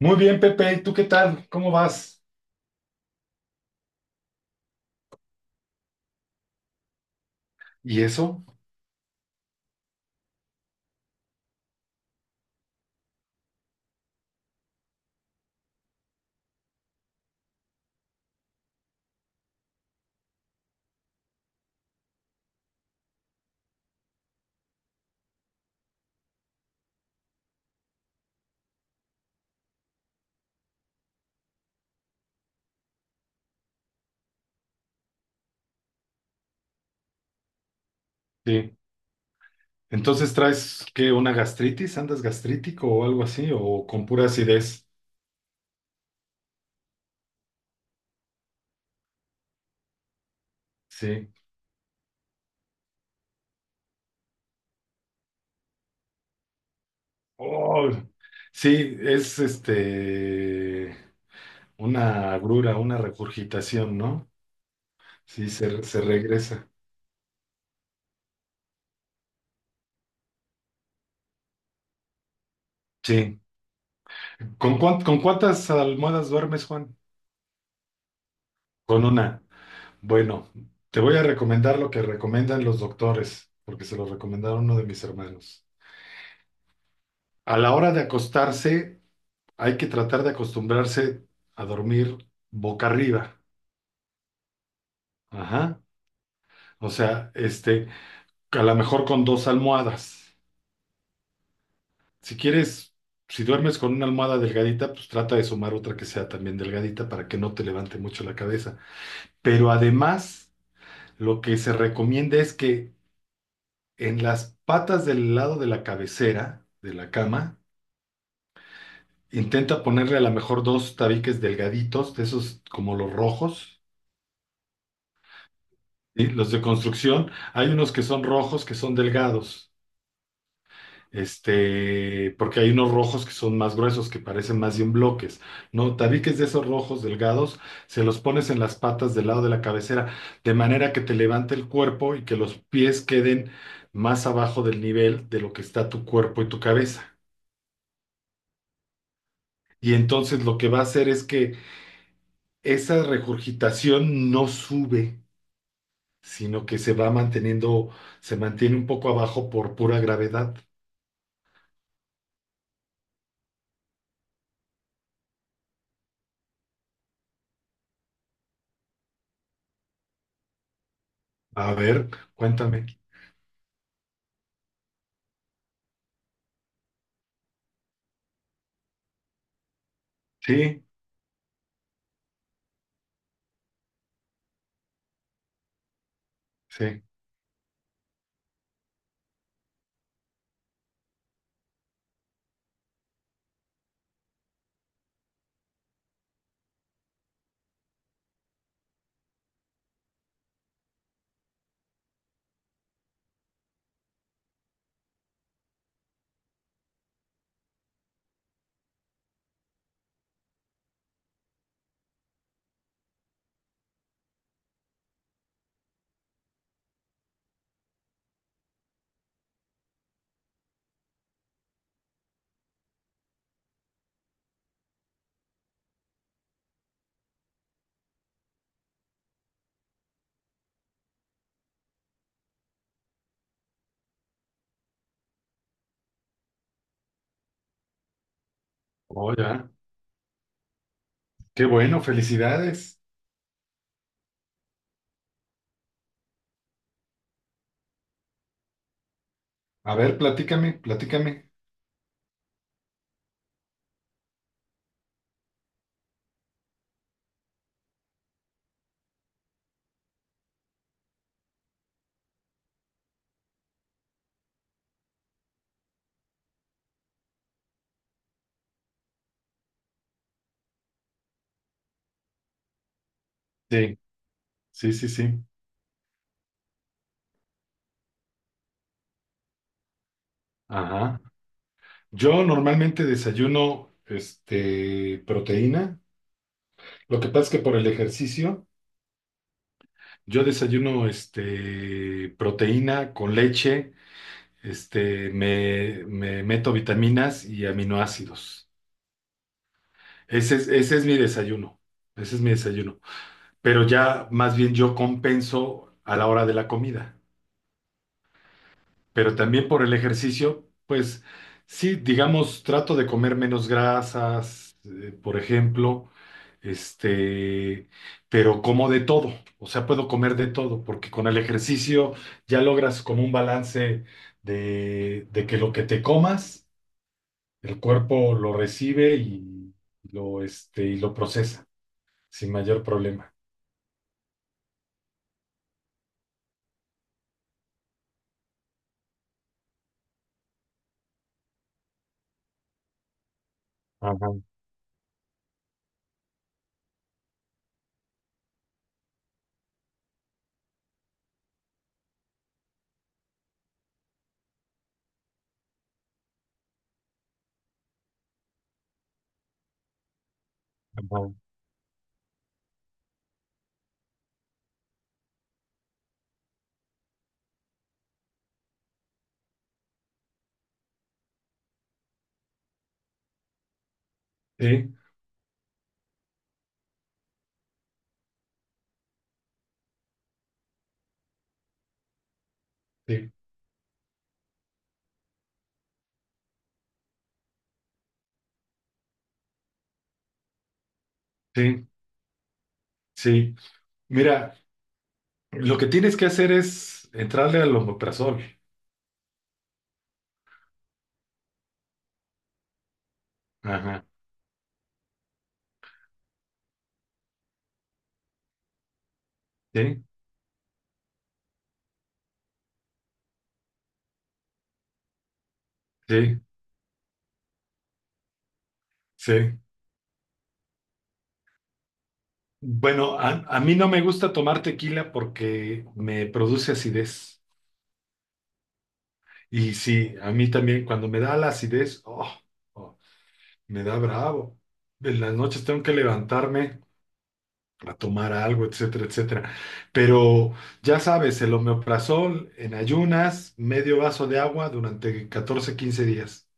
Muy bien, Pepe, ¿Tú qué tal? ¿Cómo vas? ¿Y eso? Sí. Entonces traes qué, una gastritis, andas gastrítico o algo así, o con pura acidez. Sí. Oh, sí, es este una agrura, una regurgitación, ¿no? Sí, se regresa. Sí. ¿Con cuántas almohadas duermes, Juan? Con una. Bueno, te voy a recomendar lo que recomiendan los doctores, porque se lo recomendaron uno de mis hermanos. A la hora de acostarse, hay que tratar de acostumbrarse a dormir boca arriba. Ajá. O sea, este, a lo mejor con dos almohadas. Si quieres, si duermes con una almohada delgadita, pues trata de sumar otra que sea también delgadita para que no te levante mucho la cabeza. Pero además, lo que se recomienda es que en las patas del lado de la cabecera de la cama, intenta ponerle a lo mejor dos tabiques delgaditos, de esos como los rojos. ¿Sí? Los de construcción, hay unos que son rojos, que son delgados, este, porque hay unos rojos que son más gruesos, que parecen más bien bloques, ¿no? Tabiques de esos rojos delgados, se los pones en las patas del lado de la cabecera, de manera que te levante el cuerpo y que los pies queden más abajo del nivel de lo que está tu cuerpo y tu cabeza. Y entonces lo que va a hacer es que esa regurgitación no sube, sino que se va manteniendo, se mantiene un poco abajo por pura gravedad. A ver, cuéntame. Sí, sí. Oh, ya. Qué bueno, felicidades. A ver, platícame, platícame. Sí, sí, sí, sí. Ajá. Yo normalmente desayuno, este, proteína. Lo que pasa es que por el ejercicio, yo desayuno, este, proteína con leche, este, me meto vitaminas y aminoácidos. Ese es mi desayuno. Ese es mi desayuno, pero ya más bien yo compenso a la hora de la comida. Pero también por el ejercicio, pues sí, digamos, trato de comer menos grasas, por ejemplo, este, pero como de todo, o sea, puedo comer de todo, porque con el ejercicio ya logras como un balance de que lo que te comas, el cuerpo lo recibe y lo, este, y lo procesa sin mayor problema. Ajá, ajá. Sí, sí, sí. Sí, mira, lo que tienes que hacer es entrarle al omeprazol. Ajá, sí, sí, sí. Bueno, a mí no me gusta tomar tequila porque me produce acidez. Y sí, a mí también cuando me da la acidez, oh, oh, me da bravo. En las noches tengo que levantarme a tomar algo, etcétera, etcétera. Pero ya sabes, el omeprazol en ayunas, medio vaso de agua durante 14-15 días.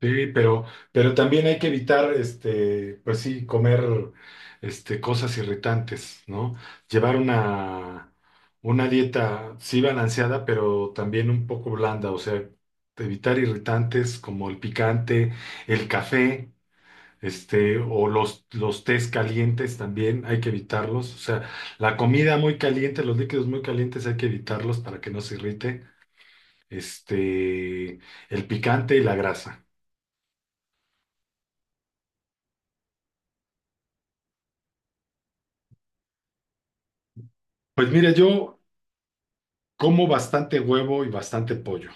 Sí, pero también hay que evitar, este, pues sí, comer, este, cosas irritantes, ¿no? Llevar una dieta, sí, balanceada, pero también un poco blanda, o sea, evitar irritantes como el picante, el café, este, o los tés calientes también hay que evitarlos, o sea, la comida muy caliente, los líquidos muy calientes hay que evitarlos para que no se irrite, este, el picante y la grasa. Pues mira, yo como bastante huevo y bastante pollo.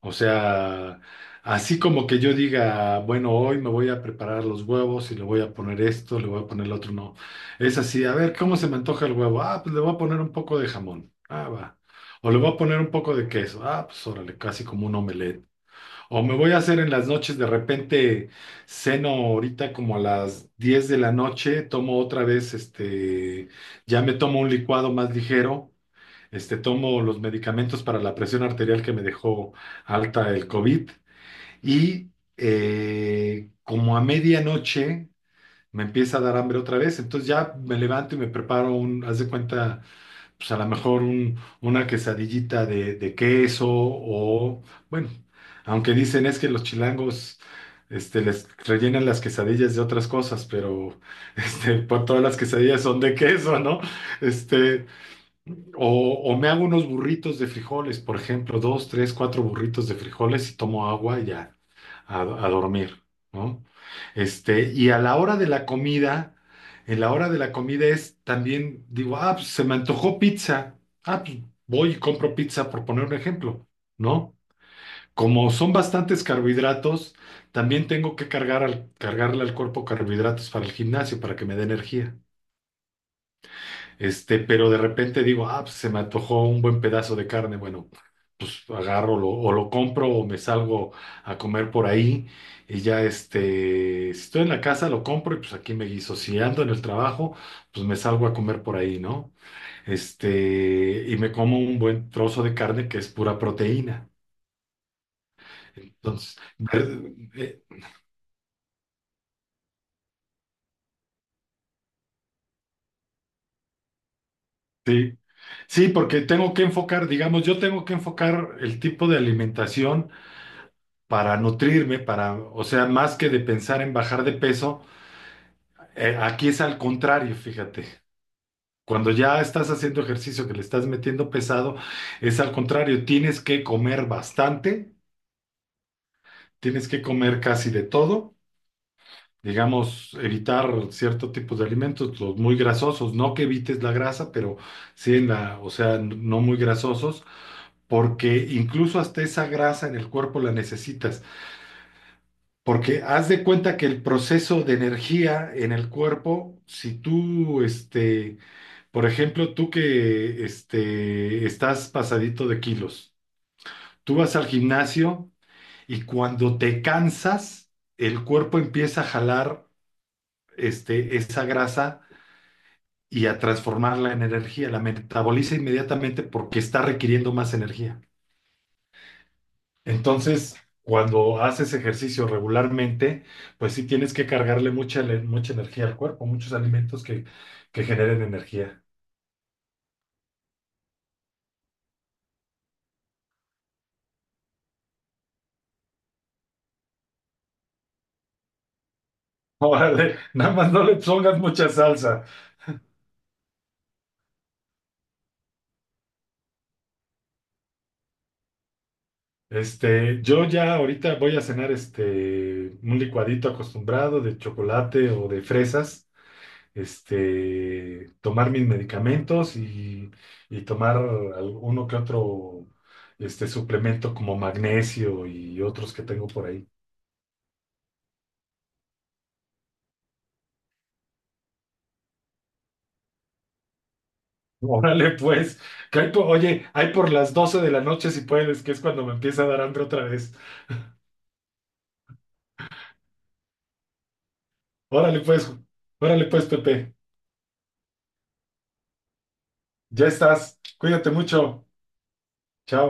O sea, así como que yo diga, bueno, hoy me voy a preparar los huevos y le voy a poner esto, le voy a poner lo otro, no. Es así, a ver, ¿cómo se me antoja el huevo? Ah, pues le voy a poner un poco de jamón. Ah, va. O le voy a poner un poco de queso. Ah, pues órale, casi como un omelette. O me voy a hacer en las noches, de repente ceno ahorita como a las 10 de la noche, tomo otra vez, este, ya me tomo un licuado más ligero, este, tomo los medicamentos para la presión arterial que me dejó alta el COVID y como a medianoche me empieza a dar hambre otra vez, entonces ya me levanto y me preparo un, haz de cuenta, pues a lo mejor una quesadillita de queso o, bueno, aunque dicen es que los chilangos... Este, les rellenan las quesadillas de otras cosas, pero este, por todas las quesadillas son de queso, ¿no? Este, o, o me hago unos burritos de frijoles, por ejemplo, dos, tres, cuatro burritos de frijoles y tomo agua y ya a dormir, ¿no? Este, y a la hora de la comida, en la hora de la comida es también, digo, ah, pues se me antojó pizza. Ah, pues voy y compro pizza, por poner un ejemplo, ¿no? Como son bastantes carbohidratos, también tengo que cargar al, cargarle al cuerpo carbohidratos para el gimnasio, para que me dé energía. Este, pero de repente digo, ah, pues se me antojó un buen pedazo de carne. Bueno, pues agarro o lo compro o me salgo a comer por ahí. Y ya, este, si estoy en la casa, lo compro y pues aquí me guiso. Si ando en el trabajo, pues me salgo a comer por ahí, ¿no? Este, y me como un buen trozo de carne que es pura proteína. Entonces, sí. Sí, porque tengo que enfocar, digamos, yo tengo que enfocar el tipo de alimentación para nutrirme, para, o sea, más que de pensar en bajar de peso, aquí es al contrario, fíjate. Cuando ya estás haciendo ejercicio que le estás metiendo pesado, es al contrario, tienes que comer bastante, tienes que comer casi de todo, digamos, evitar cierto tipo de alimentos, los muy grasosos, no que evites la grasa, pero sí en la, o sea, no muy grasosos, porque incluso hasta esa grasa en el cuerpo la necesitas. Porque haz de cuenta que el proceso de energía en el cuerpo, si tú, este, por ejemplo, tú que este, estás pasadito de kilos, tú vas al gimnasio y cuando te cansas, el cuerpo empieza a jalar, este, esa grasa y a transformarla en energía, la metaboliza inmediatamente porque está requiriendo más energía. Entonces, cuando haces ejercicio regularmente, pues sí tienes que cargarle mucha energía al cuerpo, muchos alimentos que generen energía. Órale, nada más no le pongas mucha salsa. Este, yo ya ahorita voy a cenar, este, un licuadito acostumbrado de chocolate o de fresas, este, tomar mis medicamentos y tomar alguno que otro, este, suplemento como magnesio y otros que tengo por ahí. Órale, pues, que hay oye, hay por las 12 de la noche si puedes, que es cuando me empieza a dar hambre otra vez. Órale, pues, órale, pues, Pepe, ya estás, cuídate mucho, chao.